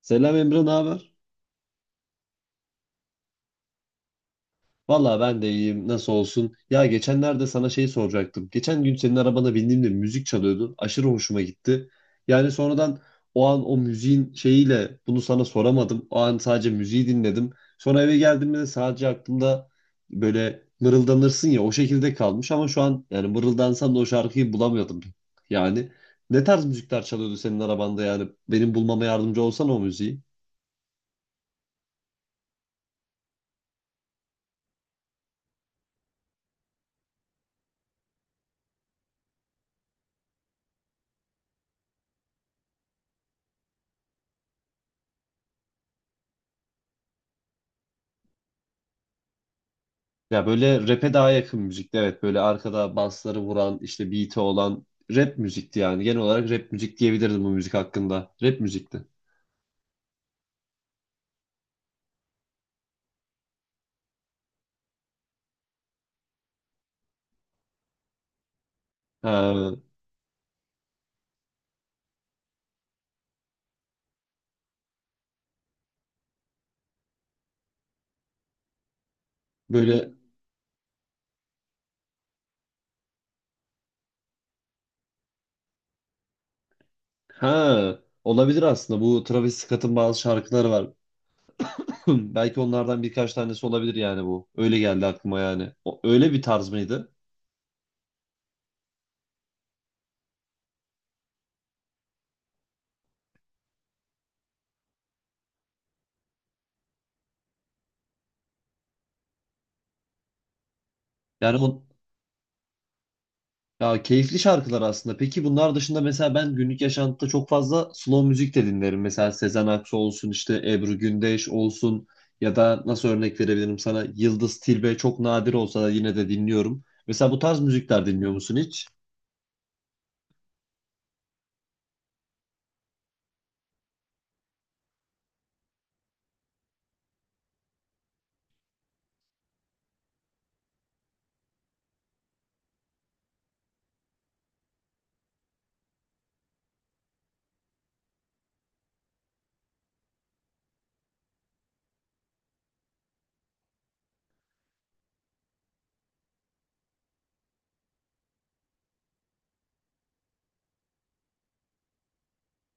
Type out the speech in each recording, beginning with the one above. Selam Emre, ne haber? Valla ben de iyiyim. Nasıl olsun? Ya geçenlerde sana soracaktım. Geçen gün senin arabana bindiğimde müzik çalıyordu. Aşırı hoşuma gitti. Yani sonradan o an o müziğin bunu sana soramadım. O an sadece müziği dinledim. Sonra eve geldiğimde de sadece aklımda böyle mırıldanırsın ya o şekilde kalmış ama şu an yani mırıldansam da o şarkıyı bulamıyordum. Yani ne tarz müzikler çalıyordu senin arabanda, yani benim bulmama yardımcı olsana o müziği. Ya böyle rap'e daha yakın müzikti, evet. Böyle arkada basları vuran işte beat'i olan rap müzikti yani. Genel olarak rap müzik diyebilirdim bu müzik hakkında. Rap müzikti. Ha, böyle ha olabilir aslında. Bu Travis Scott'ın bazı şarkıları var. Belki onlardan birkaç tanesi olabilir yani bu. Öyle geldi aklıma yani. O, öyle bir tarz mıydı? Yani on Ya keyifli şarkılar aslında. Peki bunlar dışında mesela ben günlük yaşantıda çok fazla slow müzik de dinlerim. Mesela Sezen Aksu olsun, işte Ebru Gündeş olsun ya da nasıl örnek verebilirim sana, Yıldız Tilbe çok nadir olsa da yine de dinliyorum. Mesela bu tarz müzikler dinliyor musun hiç?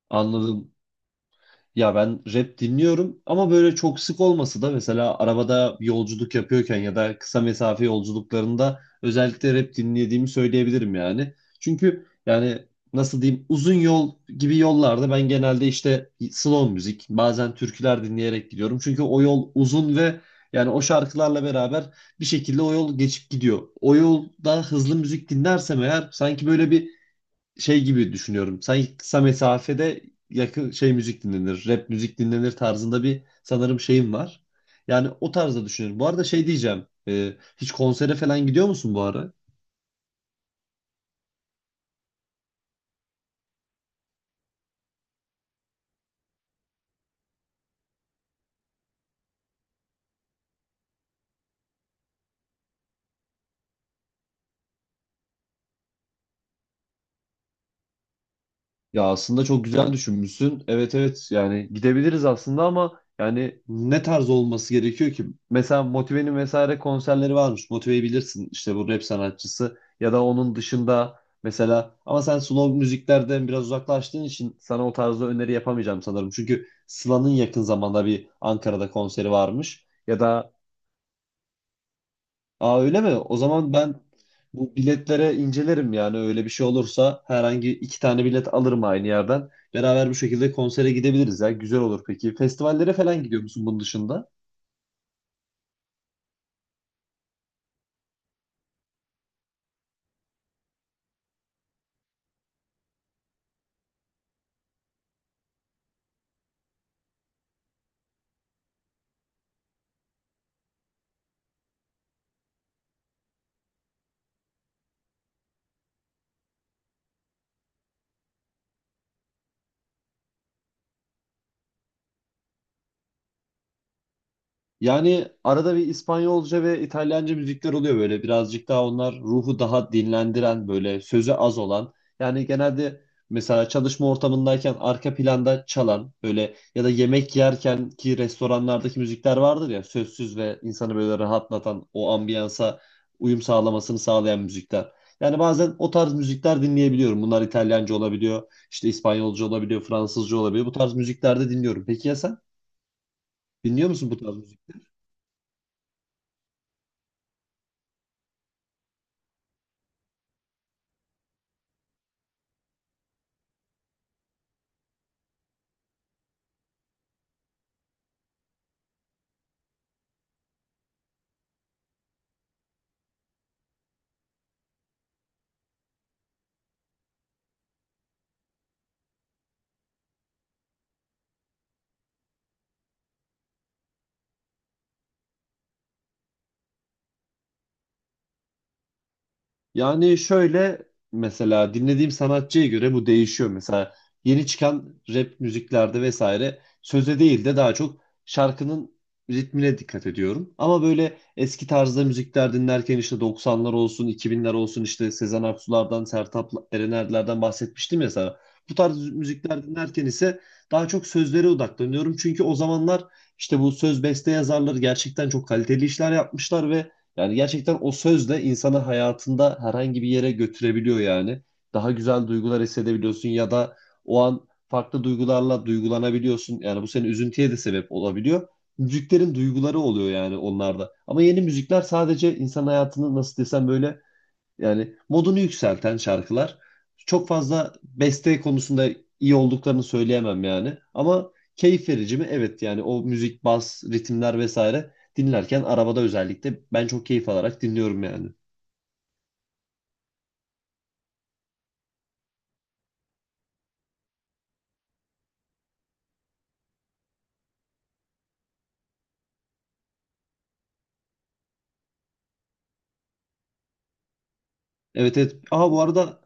Anladım. Ya ben rap dinliyorum ama böyle çok sık olması da mesela arabada bir yolculuk yapıyorken ya da kısa mesafe yolculuklarında özellikle rap dinlediğimi söyleyebilirim yani. Çünkü yani nasıl diyeyim, uzun yol gibi yollarda ben genelde işte slow müzik bazen türküler dinleyerek gidiyorum. Çünkü o yol uzun ve yani o şarkılarla beraber bir şekilde o yol geçip gidiyor. O yolda hızlı müzik dinlersem eğer sanki böyle bir şey gibi düşünüyorum. Sanki kısa mesafede yakın şey müzik dinlenir, rap müzik dinlenir tarzında bir sanırım şeyim var. Yani o tarzda düşünüyorum. Bu arada şey diyeceğim. Hiç konsere falan gidiyor musun bu ara? Ya aslında çok güzel düşünmüşsün. Evet, evet, yani gidebiliriz aslında ama yani ne tarz olması gerekiyor ki? Mesela Motive'nin vesaire konserleri varmış. Motive'yi bilirsin işte, bu rap sanatçısı ya da onun dışında mesela, ama sen slow müziklerden biraz uzaklaştığın için sana o tarzda öneri yapamayacağım sanırım. Çünkü Sıla'nın yakın zamanda bir Ankara'da konseri varmış. Ya da aa, öyle mi? O zaman ben bu biletlere incelerim yani, öyle bir şey olursa herhangi iki tane bilet alırım aynı yerden. Beraber bu şekilde konsere gidebiliriz ya. Güzel olur peki. Festivallere falan gidiyor musun bunun dışında? Yani arada bir İspanyolca ve İtalyanca müzikler oluyor, böyle birazcık daha onlar ruhu daha dinlendiren, böyle sözü az olan. Yani genelde mesela çalışma ortamındayken arka planda çalan böyle, ya da yemek yerken ki restoranlardaki müzikler vardır ya, sözsüz ve insanı böyle rahatlatan, o ambiyansa uyum sağlamasını sağlayan müzikler. Yani bazen o tarz müzikler dinleyebiliyorum. Bunlar İtalyanca olabiliyor, işte İspanyolca olabiliyor, Fransızca olabiliyor. Bu tarz müzikler de dinliyorum. Peki ya sen? Dinliyor musun bu tarz müzik? Yani şöyle, mesela dinlediğim sanatçıya göre bu değişiyor. Mesela yeni çıkan rap müziklerde vesaire söze değil de daha çok şarkının ritmine dikkat ediyorum. Ama böyle eski tarzda müzikler dinlerken, işte 90'lar olsun, 2000'ler olsun, işte Sezen Aksu'lardan, Sertab Erener'lerden bahsetmiştim ya sana. Bu tarz müzikler dinlerken ise daha çok sözlere odaklanıyorum. Çünkü o zamanlar işte bu söz beste yazarları gerçekten çok kaliteli işler yapmışlar ve yani gerçekten o sözle insanı hayatında herhangi bir yere götürebiliyor yani. Daha güzel duygular hissedebiliyorsun ya da o an farklı duygularla duygulanabiliyorsun. Yani bu senin üzüntüye de sebep olabiliyor. Müziklerin duyguları oluyor yani onlarda. Ama yeni müzikler sadece insan hayatını nasıl desem böyle, yani modunu yükselten şarkılar. Çok fazla beste konusunda iyi olduklarını söyleyemem yani. Ama keyif verici mi? Evet, yani o müzik, bas, ritimler vesaire dinlerken arabada özellikle ben çok keyif alarak dinliyorum yani. Evet, evet. Aha, bu arada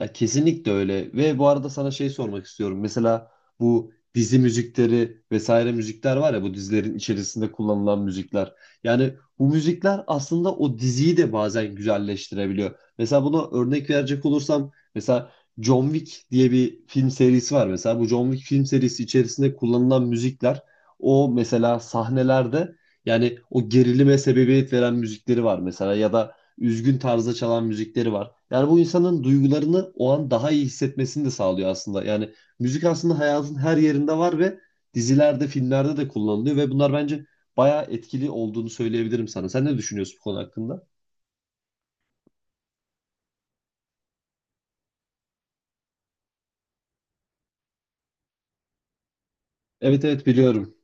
ya kesinlikle öyle. Ve bu arada sana şey sormak istiyorum. Mesela bu dizi müzikleri vesaire müzikler var ya, bu dizilerin içerisinde kullanılan müzikler. Yani bu müzikler aslında o diziyi de bazen güzelleştirebiliyor. Mesela buna örnek verecek olursam, mesela John Wick diye bir film serisi var. Mesela bu John Wick film serisi içerisinde kullanılan müzikler, o mesela sahnelerde yani o gerilime sebebiyet veren müzikleri var mesela, ya da üzgün tarzda çalan müzikleri var. Yani bu insanın duygularını o an daha iyi hissetmesini de sağlıyor aslında. Yani müzik aslında hayatın her yerinde var ve dizilerde, filmlerde de kullanılıyor ve bunlar bence bayağı etkili olduğunu söyleyebilirim sana. Sen ne düşünüyorsun bu konu hakkında? Evet, evet, biliyorum.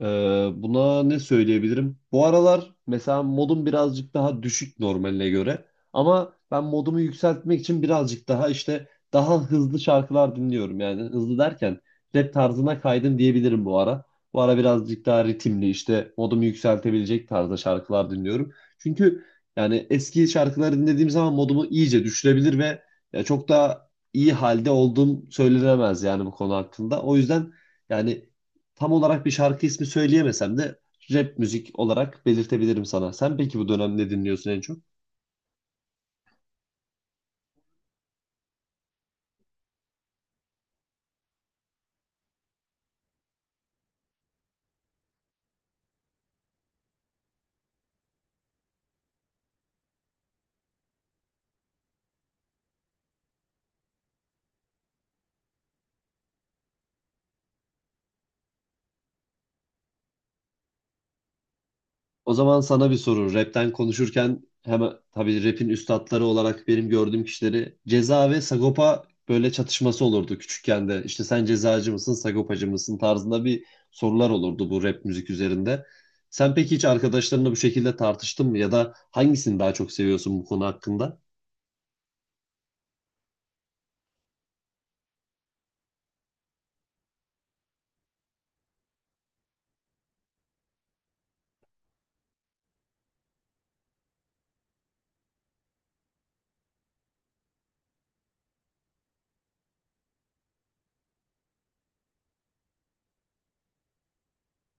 Buna ne söyleyebilirim? Bu aralar mesela modum birazcık daha düşük normaline göre. Ama ben modumu yükseltmek için birazcık daha işte daha hızlı şarkılar dinliyorum. Yani hızlı derken rap tarzına kaydım diyebilirim bu ara. Bu ara birazcık daha ritimli işte modumu yükseltebilecek tarzda şarkılar dinliyorum. Çünkü yani eski şarkıları dinlediğim zaman modumu iyice düşürebilir ve ya çok daha iyi halde olduğum söylenemez yani bu konu hakkında. O yüzden yani tam olarak bir şarkı ismi söyleyemesem de rap müzik olarak belirtebilirim sana. Sen peki bu dönem ne dinliyorsun en çok? O zaman sana bir soru. Rap'ten konuşurken hemen tabii rap'in üstatları olarak benim gördüğüm kişileri, Ceza ve Sagopa, böyle çatışması olurdu küçükken de. İşte sen cezacı mısın, Sagopacı mısın tarzında bir sorular olurdu bu rap müzik üzerinde. Sen peki hiç arkadaşlarınla bu şekilde tartıştın mı ya da hangisini daha çok seviyorsun bu konu hakkında?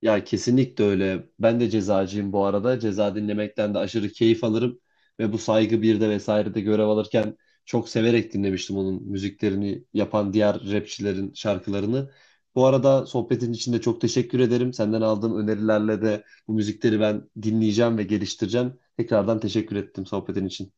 Ya kesinlikle öyle. Ben de cezacıyım bu arada. Ceza dinlemekten de aşırı keyif alırım. Ve bu Saygı birde vesairede görev alırken çok severek dinlemiştim onun müziklerini yapan diğer rapçilerin şarkılarını. Bu arada sohbetin için de çok teşekkür ederim. Senden aldığım önerilerle de bu müzikleri ben dinleyeceğim ve geliştireceğim. Tekrardan teşekkür ettim sohbetin için.